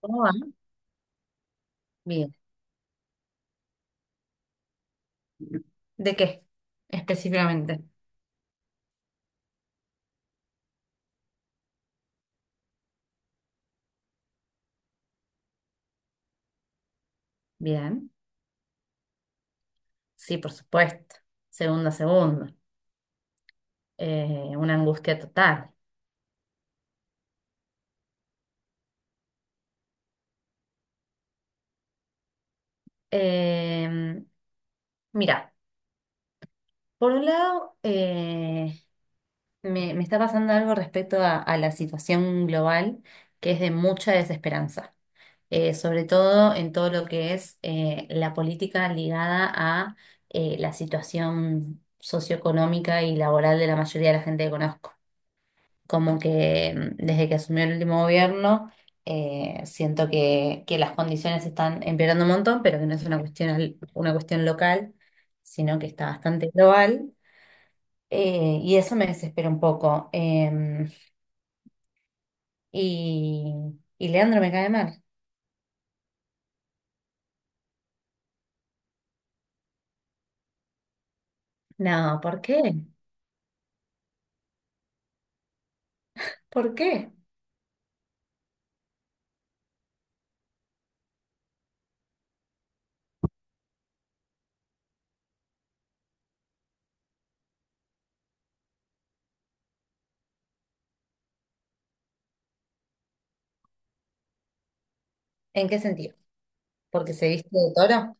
¿Cómo va? Bien. ¿De qué específicamente? Bien. Sí, por supuesto. Segundo a segundo. Una angustia total. Eh, Mira, por un lado, me está pasando algo respecto a la situación global que es de mucha desesperanza. Sobre todo en todo lo que es la política ligada a la situación socioeconómica y laboral de la mayoría de la gente que conozco. Como que desde que asumió el último gobierno, siento que las condiciones están empeorando un montón, pero que no es una cuestión, una cuestión local, sino que está bastante global. Y eso me desespera un poco. Y, y Leandro me cae mal. No, ¿por qué? ¿Por qué? ¿En qué sentido? ¿Porque se viste de toro?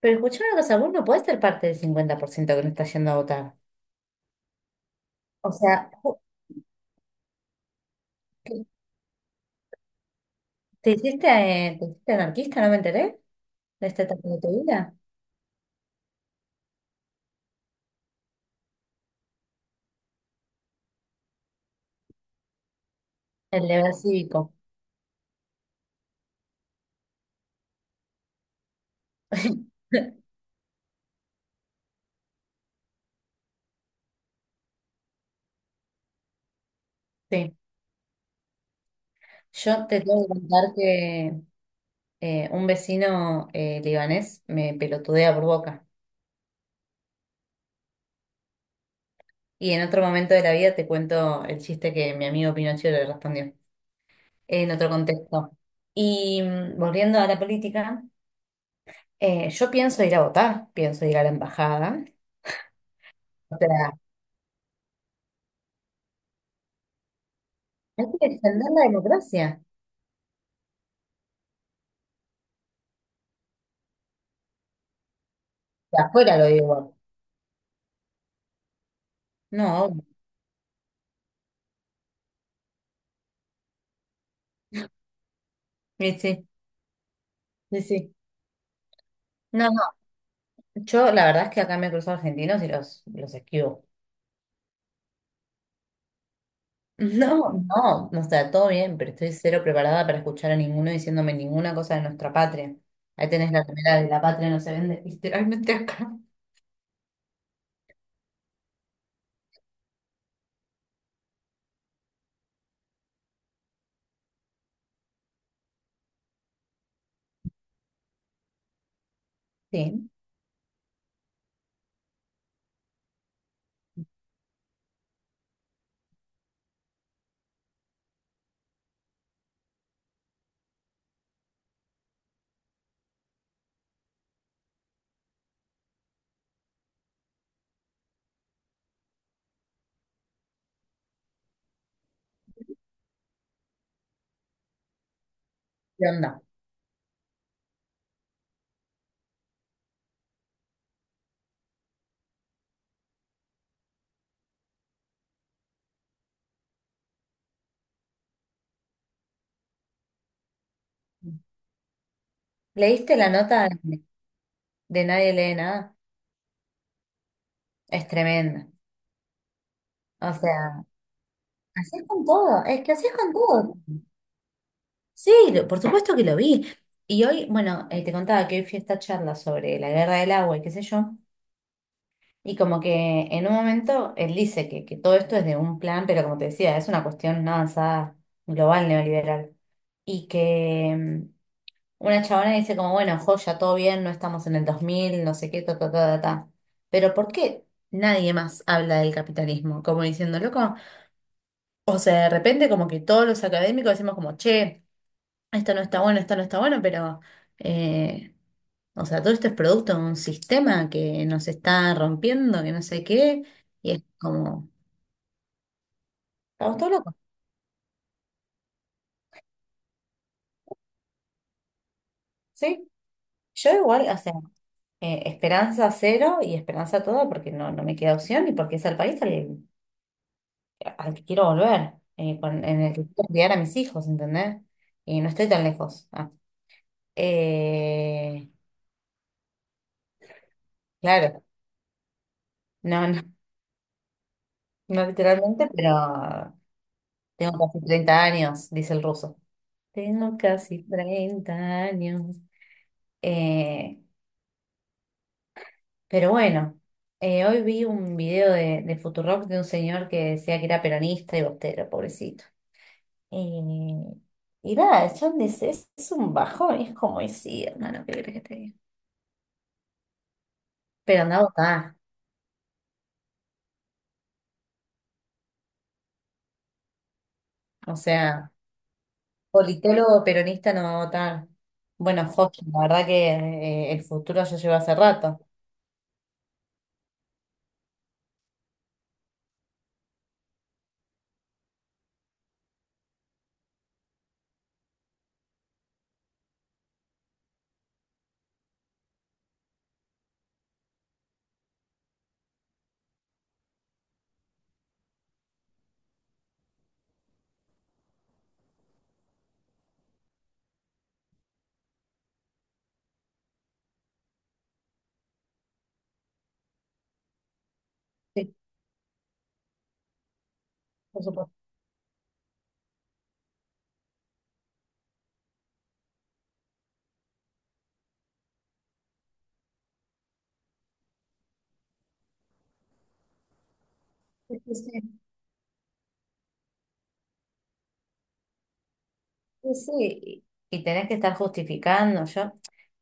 Pero escuchá una cosa, vos no podés ser parte del 50% que no está yendo a votar. O sea, ¿te te hiciste, te hiciste anarquista? ¿No me enteré? ¿De esta etapa de tu vida? El deber cívico. Sí. Yo te tengo que contar que un vecino libanés me pelotudea por boca. Y en otro momento de la vida te cuento el chiste que mi amigo Pinocho le respondió, en otro contexto. Y volviendo a la política, yo pienso ir a votar, pienso ir a la embajada. O sea, hay que defender la democracia. De afuera lo digo. No, obvio. Sí, sí, sí, sí. No, yo, la verdad es que acá me cruzo argentinos y los esquivo. No. No, no está todo bien, pero estoy cero preparada para escuchar a ninguno diciéndome ninguna cosa de nuestra patria. Ahí tenés la primera de la patria no se vende, literalmente acá. Sí, ¿qué onda? ¿Leíste la nota de Nadie lee nada? Es tremenda. O sea, así es con todo, es que así es con todo. Sí, por supuesto que lo vi. Y hoy, bueno, te contaba que hoy fui a esta charla sobre la guerra del agua y qué sé yo. Y como que en un momento él dice que todo esto es de un plan, pero como te decía, es una cuestión una avanzada global neoliberal. Y que una chabona dice como, bueno, joya, todo bien, no estamos en el 2000, no sé qué, ta, ta, ta, ta, ta". Pero ¿por qué nadie más habla del capitalismo? Como diciendo, loco, o sea, de repente como que todos los académicos decimos como, che, esto no está bueno, esto no está bueno, pero... eh, o sea, todo esto es producto de un sistema que nos está rompiendo, que no sé qué, y es como, estamos todos locos, ¿sí? Yo igual, o sea, esperanza cero y esperanza toda porque no, no me queda opción y porque es el país al que quiero volver, en el que quiero criar a mis hijos, ¿entendés? Y no estoy tan lejos. Ah, eh, claro, no, no, no literalmente, pero tengo casi treinta años, dice el ruso. Tengo casi 30 años. Eh, Pero bueno, hoy vi un video de Futurock de un señor que decía que era peronista y bostero, pobrecito. Eh, y nada, yo es un bajón, es como decía, hermano, ¿qué crees que te diga? Pero anda a votar, o sea, politólogo peronista no va a votar. Bueno, Joaquín, la verdad que el futuro ya lleva hace rato. Sí, por supuesto. Sí, sí, sí, sí, sí. Y tenés que estar justificando. Yo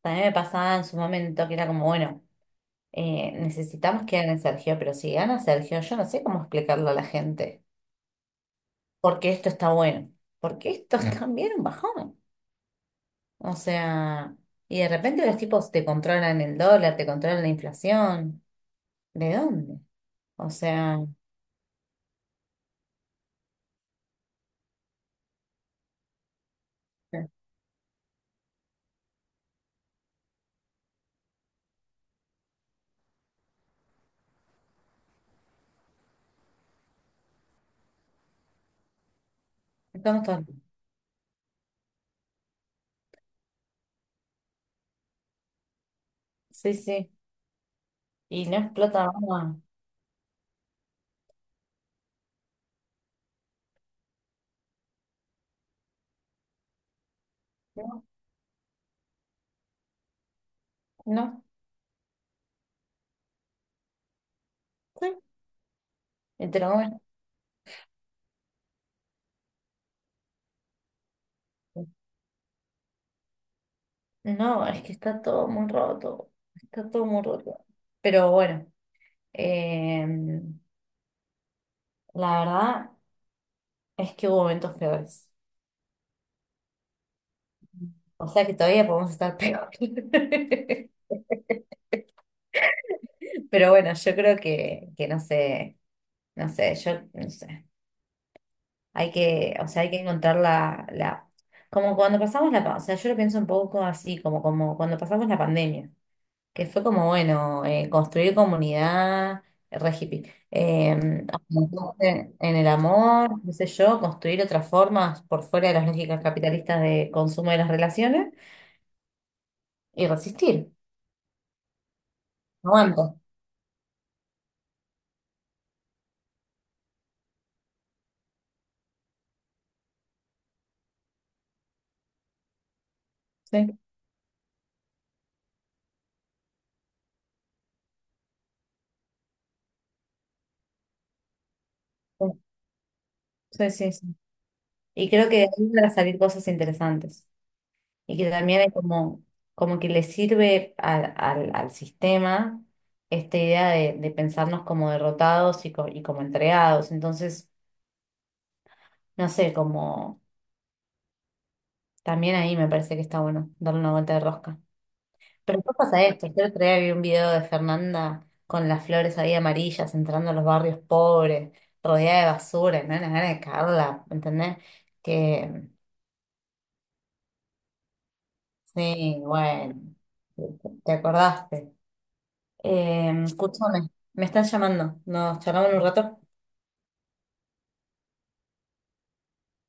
también me pasaba en su momento que era como, bueno. Necesitamos que gane Sergio, pero si gana Sergio, yo no sé cómo explicarlo a la gente. Porque esto está bueno. Porque esto es también un bajón. O sea, y de repente los tipos te controlan el dólar, te controlan la inflación. ¿De dónde? O sea, estamos sí, sí. Y no explota más. No, no. Sí. Y te lo comes. No, es que está todo muy roto. Está todo muy roto. Pero bueno, eh, la verdad. Es que hubo momentos peores. O sea que todavía podemos estar peor. Pero bueno, yo creo que no sé, no sé, yo no sé. Hay que, o sea, hay que encontrar la, como cuando pasamos o sea, yo lo pienso un poco así, como, como cuando pasamos la pandemia, que fue como, bueno, construir comunidad, re hippie, afianzarse en el amor, qué sé yo, construir otras formas por fuera de las lógicas capitalistas de consumo de las relaciones y resistir. Aguanta. Sí, sí, sí, sí. Y creo que de ahí van a salir cosas interesantes. Y que también es como, como que le sirve al sistema esta idea de pensarnos como derrotados y como entregados. Entonces, no sé, como también ahí me parece que está bueno darle una vuelta de rosca. Pero después pasa esto. Yo otro día vi un video de Fernanda con las flores ahí amarillas entrando a los barrios pobres, rodeada de basura, y me dan ganas de cagarla, ¿entendés? Que sí, bueno, te acordaste. Escúchame, me están llamando. Nos charlamos en un rato.